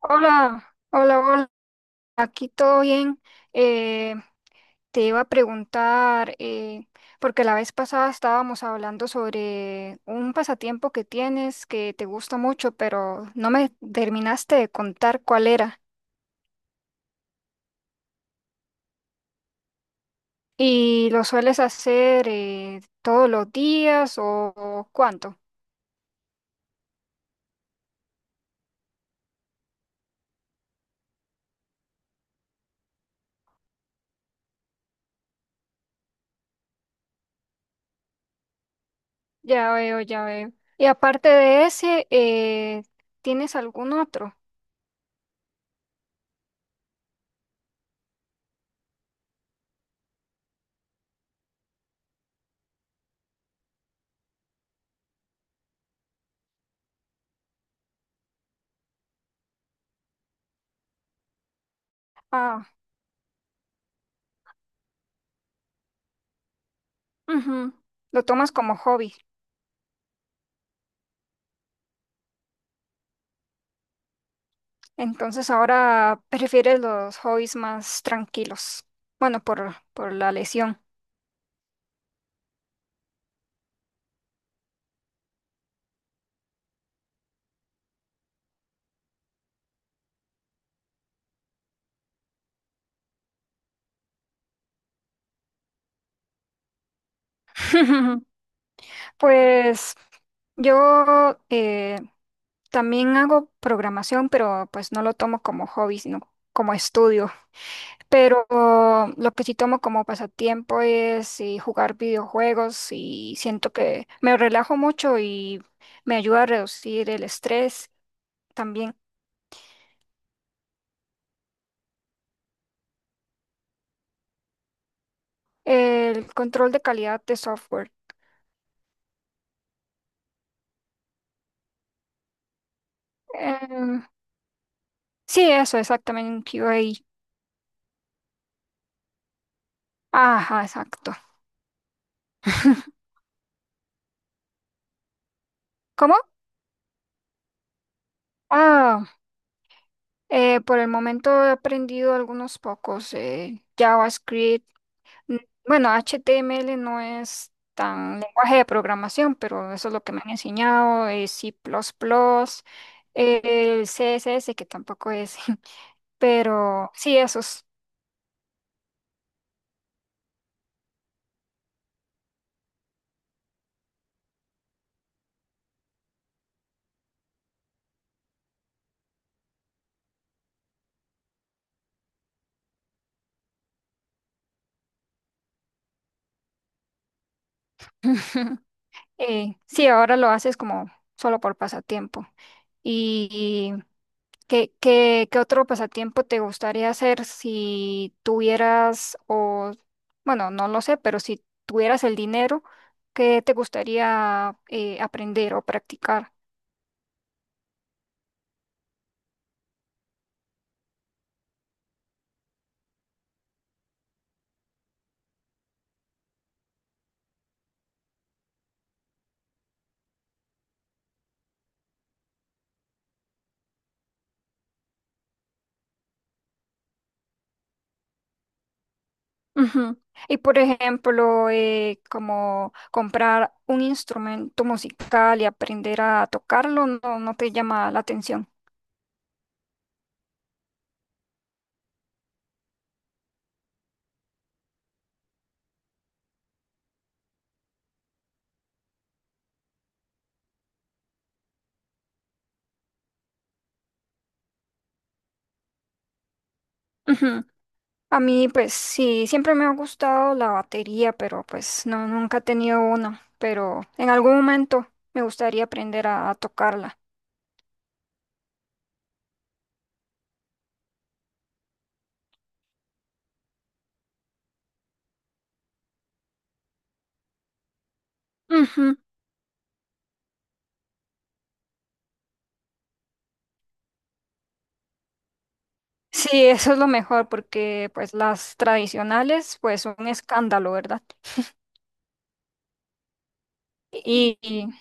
Hola, hola, hola, aquí todo bien. Eh, te iba a preguntar, porque la vez pasada estábamos hablando sobre un pasatiempo que tienes que te gusta mucho, pero no me terminaste de contar cuál era. ¿Y lo sueles hacer todos los días o cuánto? Ya veo, ya veo. Y aparte de ese, ¿tienes algún otro? Ah, ujú. Lo tomas como hobby. Entonces ahora prefieres los hobbies más tranquilos. Bueno, por la lesión. Pues yo, también hago programación, pero pues no lo tomo como hobby, sino como estudio. Pero lo que sí tomo como pasatiempo es, jugar videojuegos y siento que me relajo mucho y me ayuda a reducir el estrés también. El control de calidad de software. Em, Sí, eso, exactamente, un QA. Ajá, exacto. ¿Cómo? Ah, por el momento he aprendido algunos pocos. JavaScript. mm, Bueno, HTML no es tan lenguaje de programación, pero eso es lo que me han enseñado. C++, eh, el CSS, que tampoco es. Pero sí, esos. Sí, ahora lo haces como solo por pasatiempo. ¿Qué, qué, qué otro pasatiempo te gustaría hacer si tuvieras, o bueno, no lo sé, pero si tuvieras el dinero, qué te gustaría, aprender o practicar? Ujú. Y por ejemplo, como comprar un instrumento musical y aprender a tocarlo, no, no te llama la atención. A mí, pues sí, siempre me ha gustado la batería, pero pues no, nunca he tenido una. Pero en algún momento me gustaría aprender a tocarla. Ujú. Sí, eso es lo mejor, porque pues las tradicionales, pues son un escándalo, ¿verdad? Y,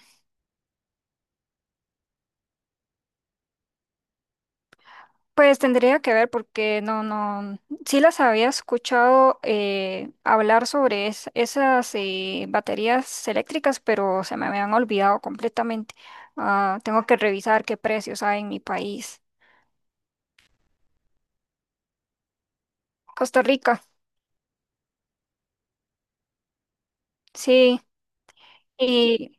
pues tendría que ver porque no, sí las había escuchado, hablar sobre esas, baterías eléctricas, pero se me habían olvidado completamente. Ah, tengo que revisar qué precios hay en mi país. Costa Rica, sí, y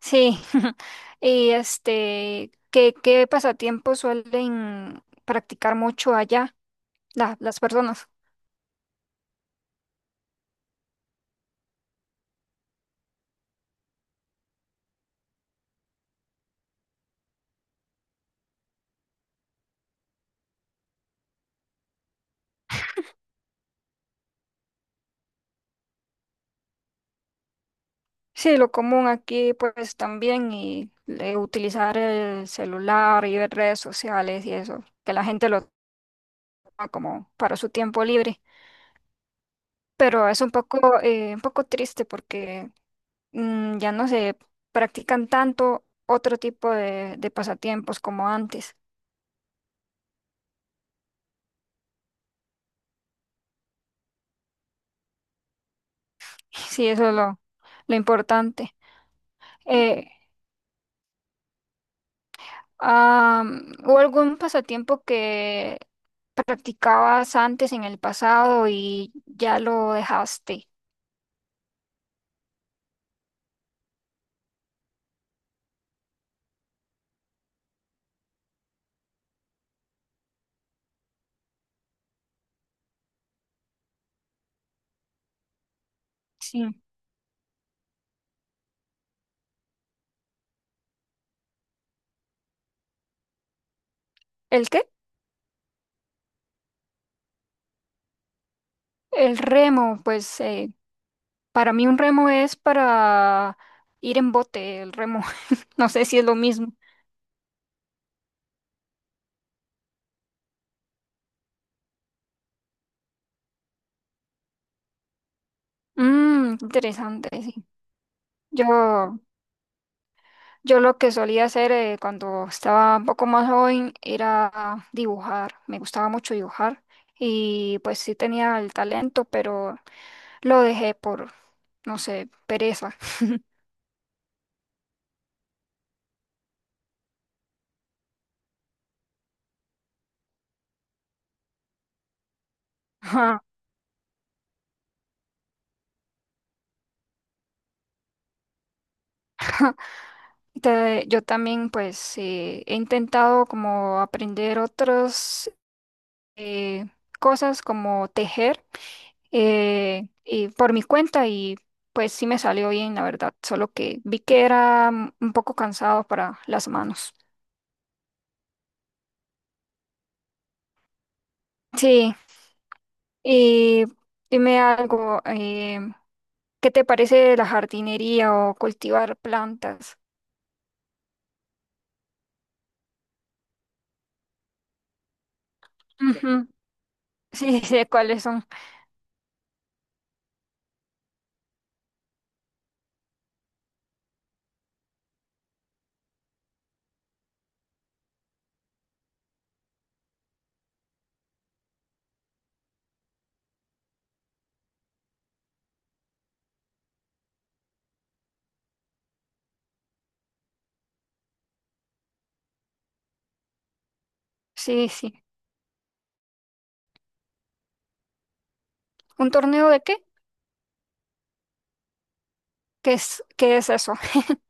sí, y este, ¿qué, qué pasatiempos suelen practicar mucho allá las personas? Sí, lo común aquí pues también y, utilizar el celular y ver redes sociales y eso, que la gente lo toma como para su tiempo libre, pero es un poco triste porque ya no se practican tanto otro tipo de pasatiempos como antes. Sí, eso es lo importante. Eh, ah, ¿Hubo algún pasatiempo que practicabas antes en el pasado y ya lo dejaste? Sí. ¿El qué? El remo, pues, para mí un remo es para ir en bote, el remo. No sé si es lo mismo. Mm, interesante, sí. Yo, yo lo que solía hacer, cuando estaba un poco más joven era dibujar. Me gustaba mucho dibujar y pues sí tenía el talento, pero lo dejé por, no sé, pereza. Ajá. Yo también pues, he intentado como aprender otros, eh, cosas como tejer, y por mi cuenta y pues sí me salió bien, la verdad, solo que vi que era, un poco cansado para las manos. Sí, y dime algo, ¿qué te parece la jardinería o cultivar plantas? Ujú. Sí, sé cuáles son. Sí, sí. ¿Un torneo de qué? Qué es eso?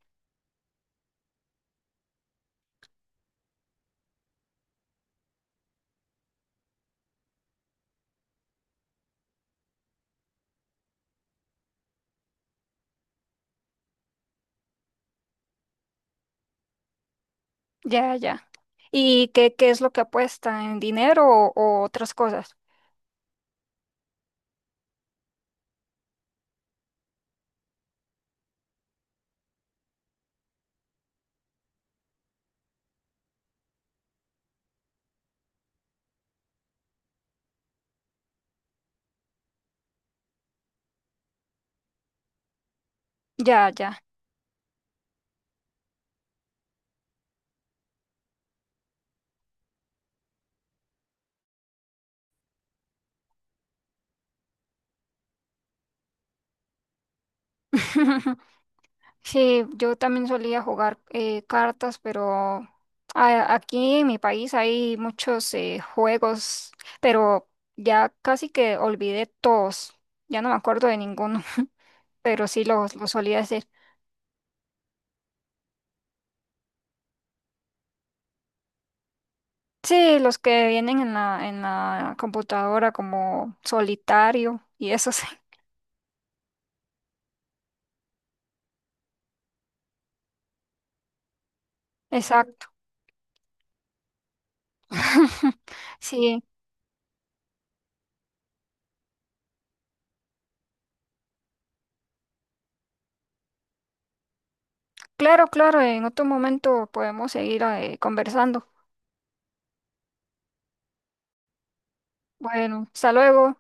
Ya, ya. ¿Y qué, qué es lo que apuesta en dinero o otras cosas? Ya, ya. Sí, yo también solía jugar, cartas, pero aquí en mi país hay muchos, juegos, pero ya casi que olvidé todos, ya no me acuerdo de ninguno, pero sí los solía hacer. Sí, los que vienen en en la computadora como solitario y eso sí, exacto. Sí, claro, claro, en otro momento podemos seguir, conversando. Bueno, hasta luego.